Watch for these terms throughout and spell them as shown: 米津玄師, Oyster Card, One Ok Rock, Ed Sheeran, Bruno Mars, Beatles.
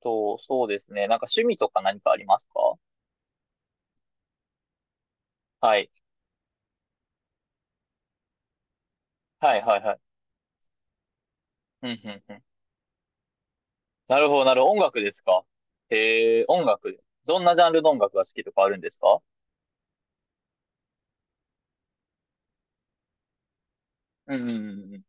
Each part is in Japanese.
と、そうですね。なんか趣味とか何かありますか？はい。はいはいはい。うんうんうん。なるほど、なるほど。音楽ですか？へえ、音楽。どんなジャンルの音楽が好きとかあるんですか？うんうんうんうん。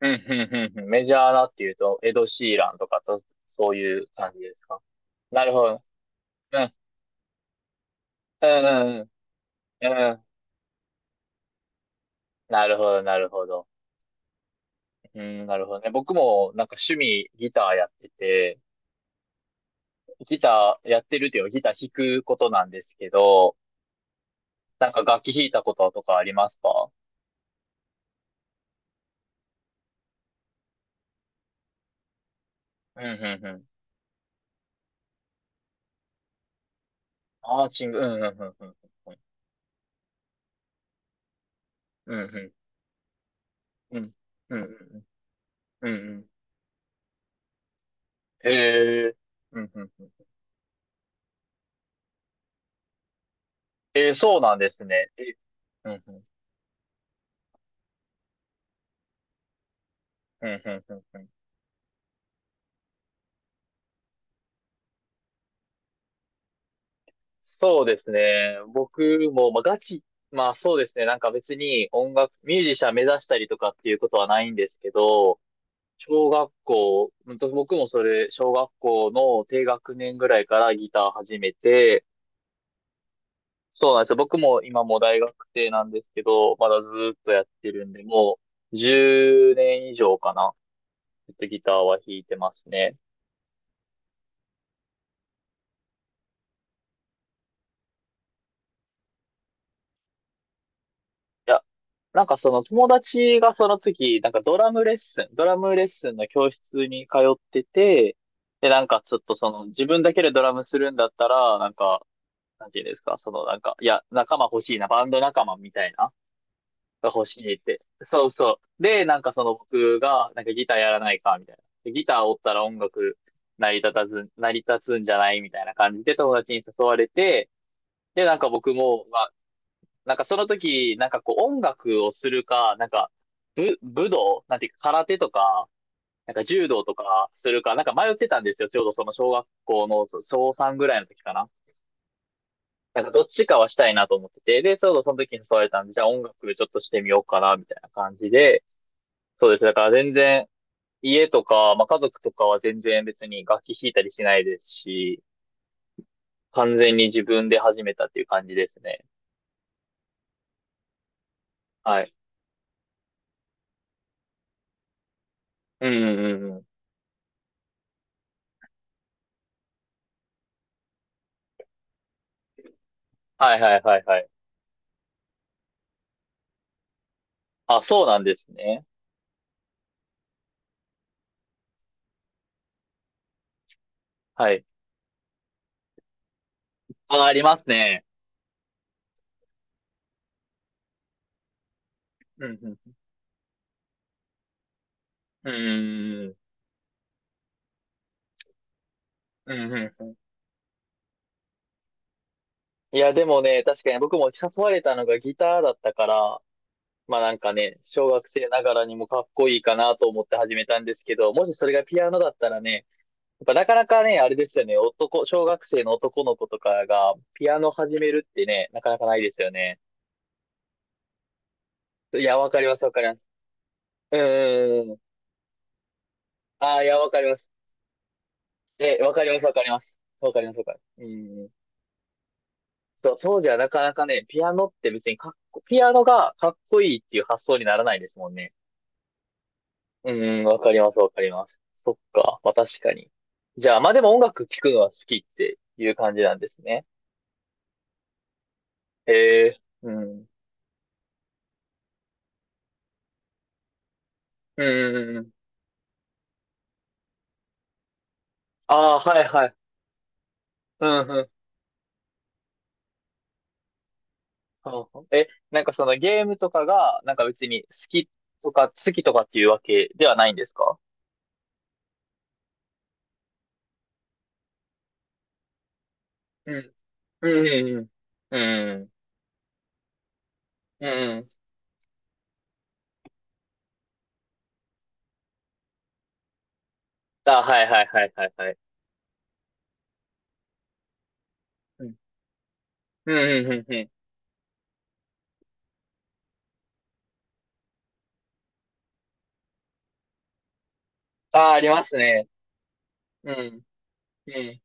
うんうんうんうん。メジャーなっていうと、エド・シーランとかと、そういう感じですか？なるほど。うん。うんうんうん。うん。なるほど、なるほど。うん、なるほどね。僕もなんか趣味ギターやってて、ギターやってるっていうのはギター弾くことなんですけど、なんか楽器弾いたこととかありますか？うんうんうん。アーチング、うんうんうんうんうん。うんうんうん。うんうんうん。うんうん。へえ。うんうんうん。えー、そうなんですね。え、うんうん。うんうんうんうん。そうですね。僕も、まあ、ガチ、まあそうですね。なんか別に音楽、ミュージシャン目指したりとかっていうことはないんですけど、小学校、僕もそれ、小学校の低学年ぐらいからギター始めて、そうなんですよ。僕も今もう大学生なんですけど、まだずーっとやってるんで、もう10年以上かな。ずっとギターは弾いてますね。いや、なんかその友達がその時、なんかドラムレッスンの教室に通ってて、で、なんかちょっとその自分だけでドラムするんだったら、なんか、なんていうんですか、そのなんか、いや、仲間欲しいな、バンド仲間みたいな。が欲しいって。そうそう。で、なんかその僕が、なんかギターやらないか、みたいな。でギターおったら音楽成り立たず、成り立つんじゃないみたいな感じで友達に誘われて、で、なんか僕も、まあ、なんかその時、なんかこう音楽をするか、なんか武道、なんていうか空手とか、なんか柔道とかするか、なんか迷ってたんですよ。ちょうどその小学校のそう小3ぐらいの時かな。なんかどっちかはしたいなと思ってて、で、ちょうどその時に誘われたんで、じゃあ音楽ちょっとしてみようかな、みたいな感じで、そうですね。だから全然、家とか、まあ、家族とかは全然別に楽器弾いたりしないですし、完全に自分で始めたっていう感じですね。はい。うんうんうんうん。はいはいはいはい。あ、そうなんですね。はい。あ、ありますね。うんうん。うんうんうん。うんうんうん。いや、でもね、確かに僕も誘われたのがギターだったから、まあなんかね、小学生ながらにもかっこいいかなと思って始めたんですけど、もしそれがピアノだったらね、っぱなかなかね、あれですよね、男、小学生の男の子とかがピアノ始めるってね、なかなかないですよね。いや、わかります、わかります。うーん。ああ、いや、わかります。え、わかります、わかります。わかります、わかります。うん。そう、当時はなかなかね、ピアノって別にかっこ、ピアノがかっこいいっていう発想にならないですもんね。うん、わかります、わかります。そっか、まあ確かに。じゃあ、まあでも音楽聴くのは好きっていう感じなんですね。へえ、うん。うん、うん、うん。ああ、はい、はい。うんうん。ほうほう、え、なんかそのゲームとかが、なんか別に好きとかっていうわけではないんですか？うん。うん。うんうん。うん。うん。あ、はいはいはいはいはい。うん。うん。うん。うん。うん。あ、ありますね。うん。うん。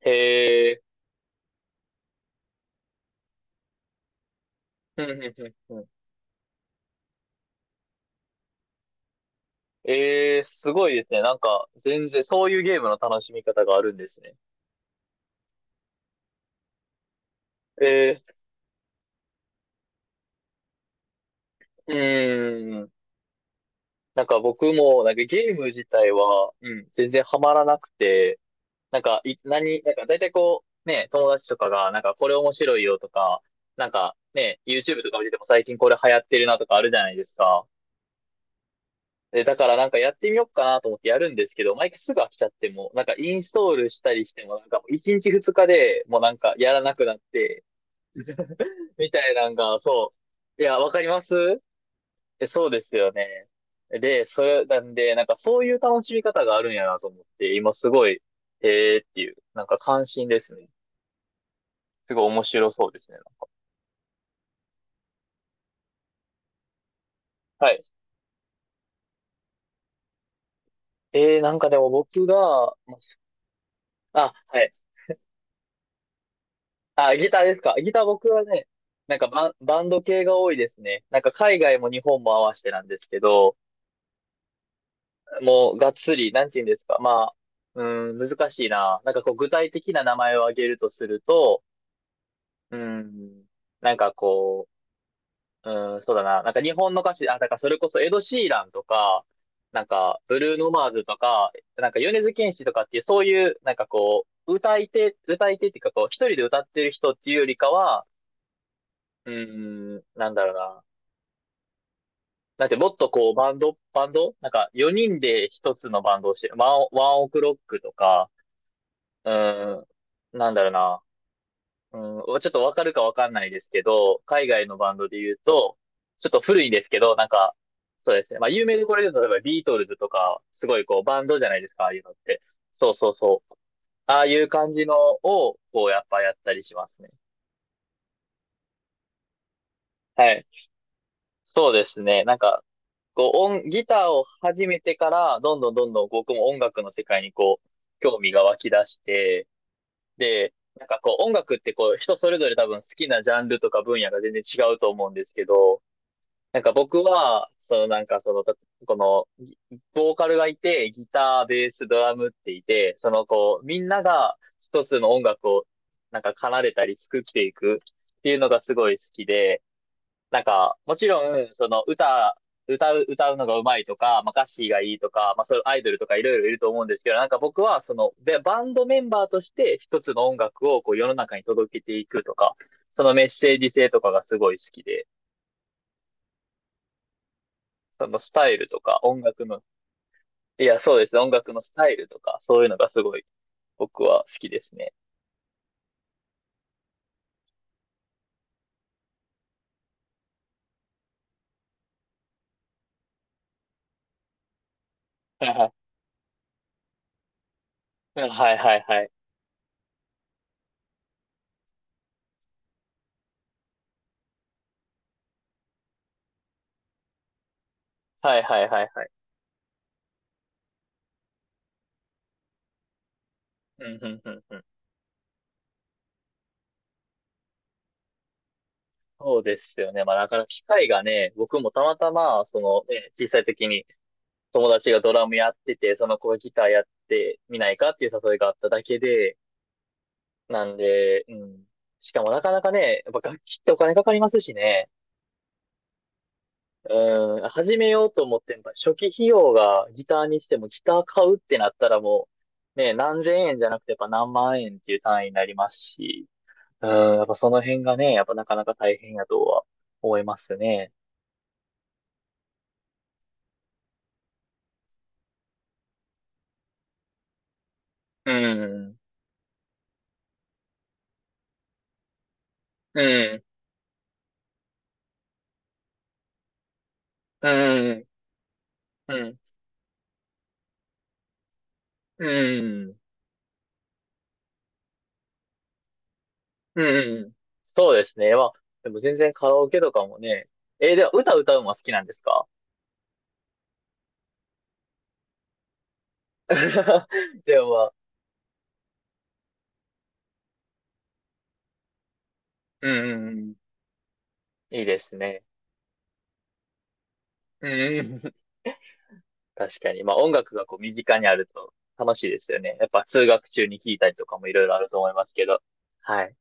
へえ。うん。うん。うん。うん。えー、すごいですね。なんか、全然、そういうゲームの楽しみ方があるんですね。えー、うーん。なんか僕も、なんかゲーム自体は、うん、全然ハマらなくて、なんか、い、何、なんか大体こう、ね、友達とかが、なんかこれ面白いよとか、なんかね、YouTube とか見てても最近これ流行ってるなとかあるじゃないですか。で、だからなんかやってみようかなと思ってやるんですけど、毎回すぐ飽きちゃっても、なんかインストールしたりしても、なんか1日2日でもうなんかやらなくなって、みたいなんが、そう。いや、わかります。え、そうですよね。で、それ、なんで、なんかそういう楽しみ方があるんやなと思って、今すごい、へえっていう、なんか関心ですね。すごい面白そうですね。はい。えー、なんかでも僕が、まあ、はい。あ、ギターですか。ギター僕はね、なんかバンド系が多いですね。なんか海外も日本も合わせてなんですけど、もうがっつり、なんて言うんですか。まあ、うん、難しいな。なんかこう具体的な名前を挙げるとすると、うん、なんかこう、うん、そうだな。なんか日本の歌手、あ、だからそれこそエド・シーランとか、なんかブルーノ・マーズとか、なんか米津玄師とかっていう、そういう、なんかこう、歌い手っていうかこう、一人で歌ってる人っていうよりかは、うん、なんだろうな。だってもっとこう、バンドなんか4人で一つのバンドをして、ワンオクロックとか、うん、なんだろうな。うん、ちょっとわかるかわかんないですけど、海外のバンドで言うと、ちょっと古いですけど、なんか、そうですね。まあ、有名でこれで言うと、例えばビートルズとか、すごいこう、バンドじゃないですか、ああいうのって。そうそうそう。ああいう感じのを、こう、やっぱやったりしますね。はい。そうですね。なんか、こう、音、ギターを始めてから、どんどんどんどん僕も音楽の世界にこう、興味が湧き出して、で、なんかこう、音楽ってこう、人それぞれ多分好きなジャンルとか分野が全然違うと思うんですけど、なんか僕は、そのなんかその、た、この、ギボーカルがいて、ギター、ベース、ドラムっていて、そのこう、みんなが一つの音楽をなんか奏でたり作っていくっていうのがすごい好きで、なんか、もちろん、その歌、歌うのが上手いとか、まあ、歌詞がいいとか、まあ、そういうアイドルとかいろいろいると思うんですけど、なんか僕はその、で、バンドメンバーとして一つの音楽をこう世の中に届けていくとか、そのメッセージ性とかがすごい好きで、そのスタイルとか、音楽の、いや、そうですね。音楽のスタイルとか、そういうのがすごい僕は好きですね。はいはいはいはい。はいはいはいはい。うんうんうんうん。そうですよね。まあなかなか機会がね、僕もたまたま、そのね、小さい時に友達がドラムやってて、その子がギターやってみないかっていう誘いがあっただけで、なんで、うん。しかもなかなかね、やっぱ楽器ってお金かかりますしね。うん、始めようと思っても、初期費用がギターにしても、ギター買うってなったらもう、ね、何千円じゃなくて、やっぱ何万円っていう単位になりますし、うん、やっぱその辺がね、やっぱなかなか大変やとは思いますね。うん、うん、うん、うん、うん、うん。そうですね。まあ、でも全然カラオケとかもね、えー、では歌歌うのは好きなんですか？ でもまあ、うん、うんうん、いいですね。うん、確かに。まあ音楽がこう身近にあると楽しいですよね。やっぱ通学中に聴いたりとかもいろいろあると思いますけど。はい。